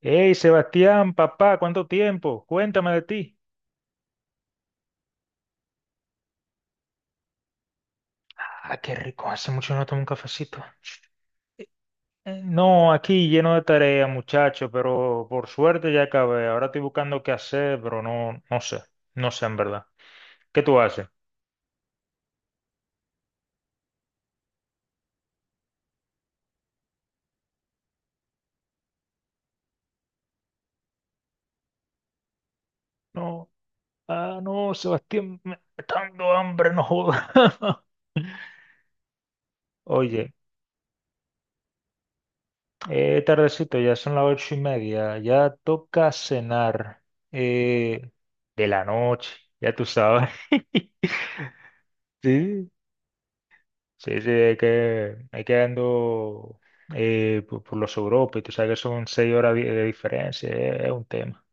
Hey, Sebastián, papá, ¿cuánto tiempo? Cuéntame de ti. Ah, qué rico, hace mucho no tomo un cafecito. No, aquí lleno de tarea, muchacho, pero por suerte ya acabé. Ahora estoy buscando qué hacer, pero no, no sé, no sé en verdad. ¿Qué tú haces? No, ah, no, Sebastián, me está dando hambre, no joda. Oye, tardecito, ya son las 8:30, ya toca cenar. eh, de la noche, ya tú sabes. Sí, sí, sí, hay que ando por los Europa y tú sabes que son 6 horas de diferencia, es un tema.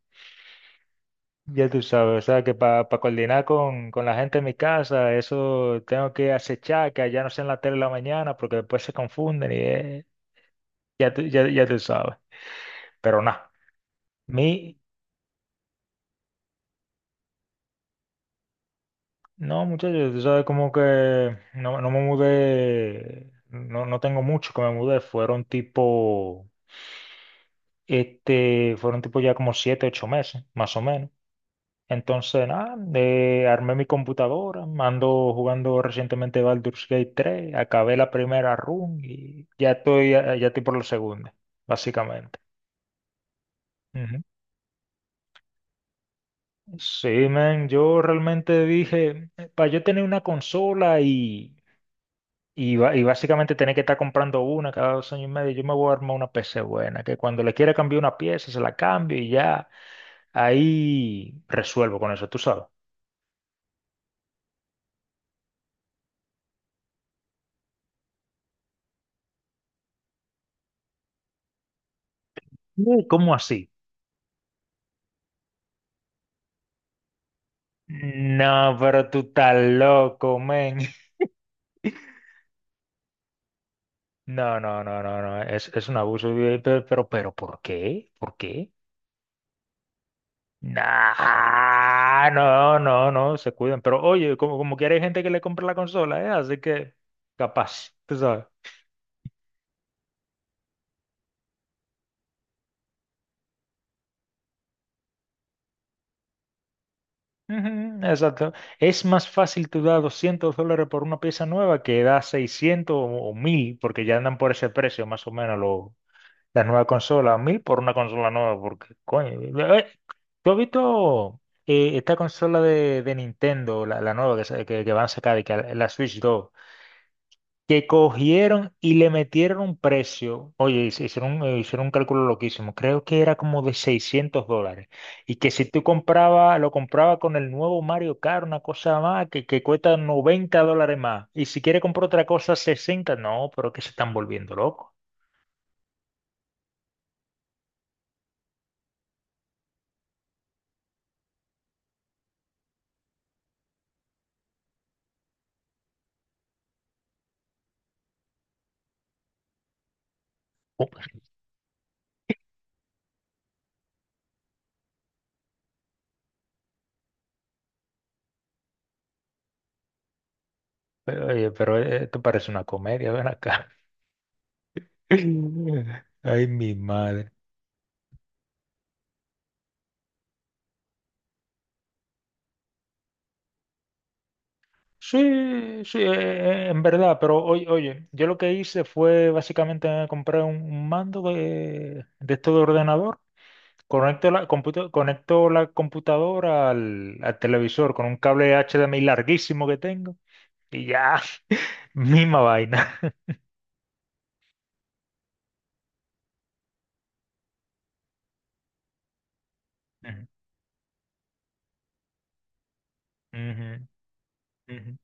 Ya tú sabes, o sea que para coordinar con la gente en mi casa, eso tengo que acechar, que allá no sea en la tele la mañana, porque después se confunden y ya tú sabes. Pero nada, mi, no muchachos, tú sabes como que no me mudé, no tengo mucho que me mudé, fueron tipo. Este, fueron tipo ya como 7, 8 meses, más o menos. Entonces, nada, armé mi computadora, ando jugando recientemente Baldur's Gate 3, acabé la primera run y ya estoy por la segunda, básicamente. Ujú. Sí, man, yo realmente dije, para yo tener una consola y básicamente tener que estar comprando una cada 2 años y medio, yo me voy a armar una PC buena, que cuando le quiera cambiar una pieza, se la cambio y ya, ahí resuelvo con eso, tú sabes. "¿Qué? ¿Cómo así?" No, pero tú estás loco, men. No, no, no, no, no. Es un abuso. Pero, ¿por qué? ¿Por qué? Nah, no, no, no, se cuidan. Pero oye, como quiera hay gente que le compra la consola, ¿eh? Así que, capaz, tú sabes. Ujú, exacto. Es más fácil tú dar $200 por una pieza nueva que dar 600 o 1000, porque ya andan por ese precio, más o menos, las nuevas consolas. 1000 por una consola nueva, porque, coño. eh, ¿Tú has visto esta consola de Nintendo, la nueva que van a sacar, y que la Switch 2, que cogieron y le metieron un precio? Oye, hicieron un cálculo loquísimo, creo que era como de $600. Y que si tú compraba lo compraba con el nuevo Mario Kart, una cosa más, que cuesta $90 más. Y si quiere comprar otra cosa, 60. No, pero que se están volviendo locos. Oh. Pero, oye, pero esto parece una comedia, ven acá. Ay, mi madre. Sí, sí, en verdad, pero oye, yo lo que hice fue básicamente comprar un mando de esto de ordenador, conecto la computadora al televisor con un cable HDMI larguísimo que tengo y ya, misma vaina. Ujú, ujú, ujú.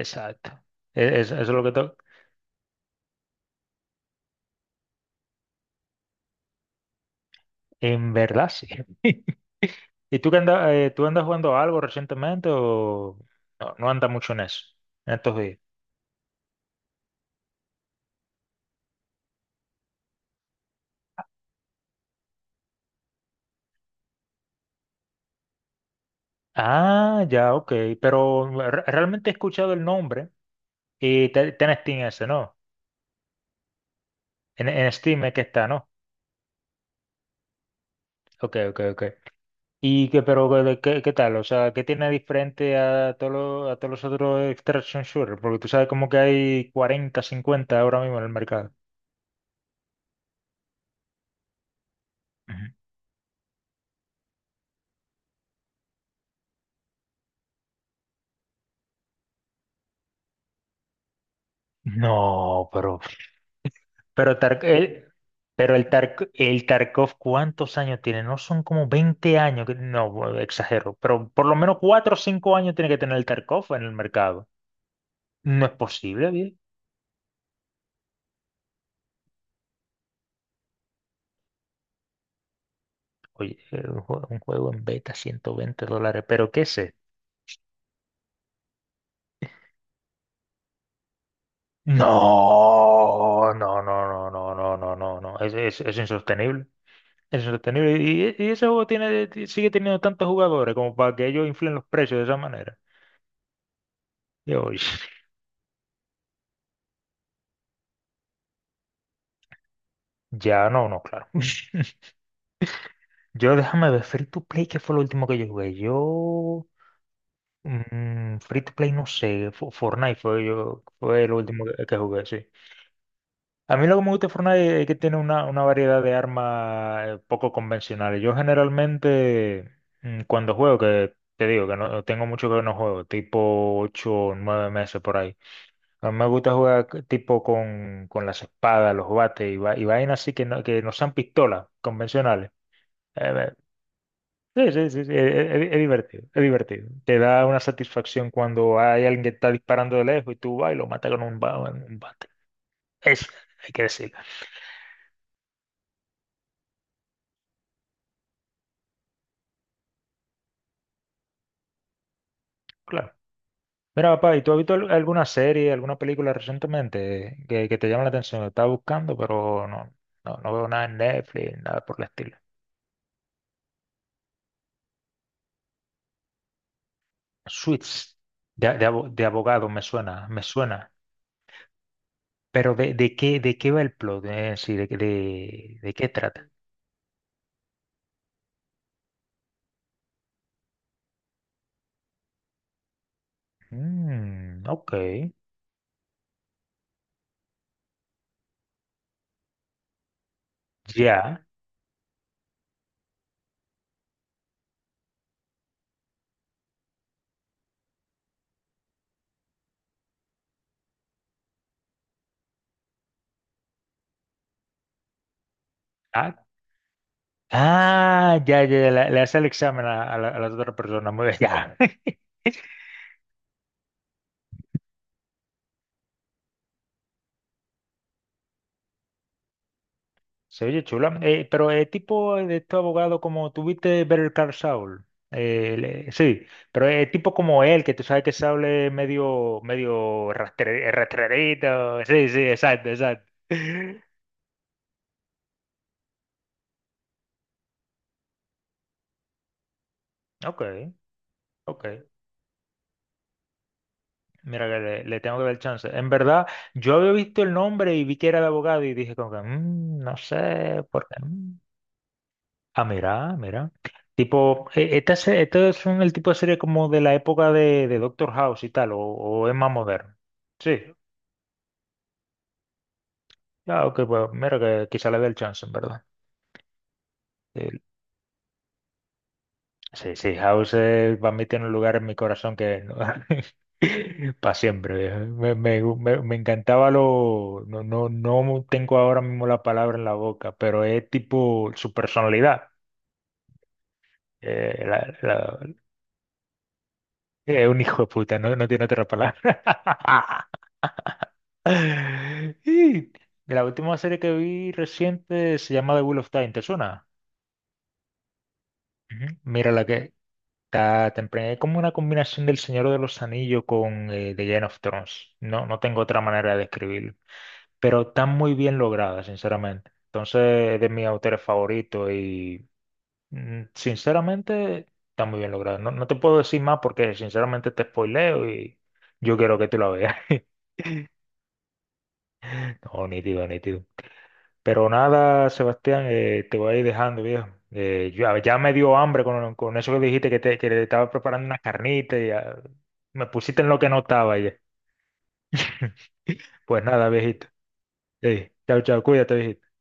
Exacto. Eso, es lo que to-. En verdad, sí. ¿Y tú, tú andas jugando algo recientemente o no, no andas mucho en eso, en estos días? Ah, ya, ok. Pero realmente he escuchado el nombre y está en Steam ese, ¿no? En Steam es que está, ¿no? Ok, ok, ok. ¿Pero qué tal? O sea, ¿qué tiene diferente a todos los, otros extraction shooter? Porque tú sabes como que hay 40, 50 ahora mismo en el mercado. Ujú. No, pero, Tark- el, pero el Tarkov, ¿cuántos años tiene? No son como 20 años, no, bueno, exagero, pero por lo menos 4 o 5 años tiene que tener el Tarkov en el mercado. No es posible, bien. Oye, un juego en beta, $120, pero ¿qué es esto? No, no, no, no, no, no, no, no, no. Es insostenible. Es insostenible. Y ese juego sigue teniendo tantos jugadores como para que ellos inflen los precios de esa manera. Yo, ya no, no, claro. Yo déjame ver Free to Play, que fue lo último que yo jugué. Yo, Free to Play, no sé, Fortnite fue lo último que jugué, sí. A mí lo que me gusta de Fortnite es que tiene una variedad de armas poco convencionales. Yo generalmente, cuando juego, que te digo que no tengo mucho que no juego, tipo 8 o 9 meses por ahí. A mí me gusta jugar tipo con las espadas, los bates y vainas así que no sean pistolas convencionales. Eh, sí, sí, sí, sí, es divertido. Te da una satisfacción cuando hay alguien que está disparando de lejos y tú vas y lo matas con un bate. Eso, hay que decirlo. Claro. Mira, papá, ¿y tú has visto alguna serie, alguna película recientemente que te llama la atención? Estaba buscando, pero no, no, no veo nada en Netflix, nada por el estilo. Suits, de abogado, me suena, me suena. Pero ¿de qué va el plot? Sí, de qué trata? Mm, ok, ya. Ah, ya, ya, ya, le hace el examen a las otras personas. Muy bien, ya. Se oye chula. Pero es tipo de este abogado como tuviste Better Call Saul. Sí, pero es tipo como él, que tú sabes que Saul es medio, medio rastrerito. Sí, sí, exacto, exacto. Ok, ok. Mira que le tengo que dar chance. En verdad, yo había visto el nombre y vi que era de abogado y dije como que, "Mm, no sé, por qué. Mm". Ah, mira, mira. Tipo, estos son el tipo de serie como de la época de Doctor House y tal, o es más moderno. Sí, ah, ok, pues mira que quizá le dé el chance, en verdad. El- Sí, sí, House para mí tiene un lugar en mi corazón que para siempre, viejo. Me encantaba lo. No, no, no tengo ahora mismo la palabra en la boca, pero es tipo su personalidad. eh, la- la- es un hijo de puta, no, no tiene otra palabra. Y la última serie que vi reciente se llama The Wheel of Time, ¿te suena? Ujú. Mira la que está temprana. Es como una combinación del Señor de los Anillos con The Game of Thrones. No, no tengo otra manera de describirlo. Pero está muy bien lograda, sinceramente. Entonces es de mis autores favoritos y sinceramente está muy bien lograda. No, no te puedo decir más porque sinceramente te spoileo y yo quiero que tú la veas. No, nítido, nítido. Pero nada, Sebastián, te voy a ir dejando, viejo. Ya me dio hambre con eso que dijiste que le estaba preparando una carnita y me pusiste en lo que no estaba ya. Pues nada, viejito. Ey, chao, chao, cuídate, viejito.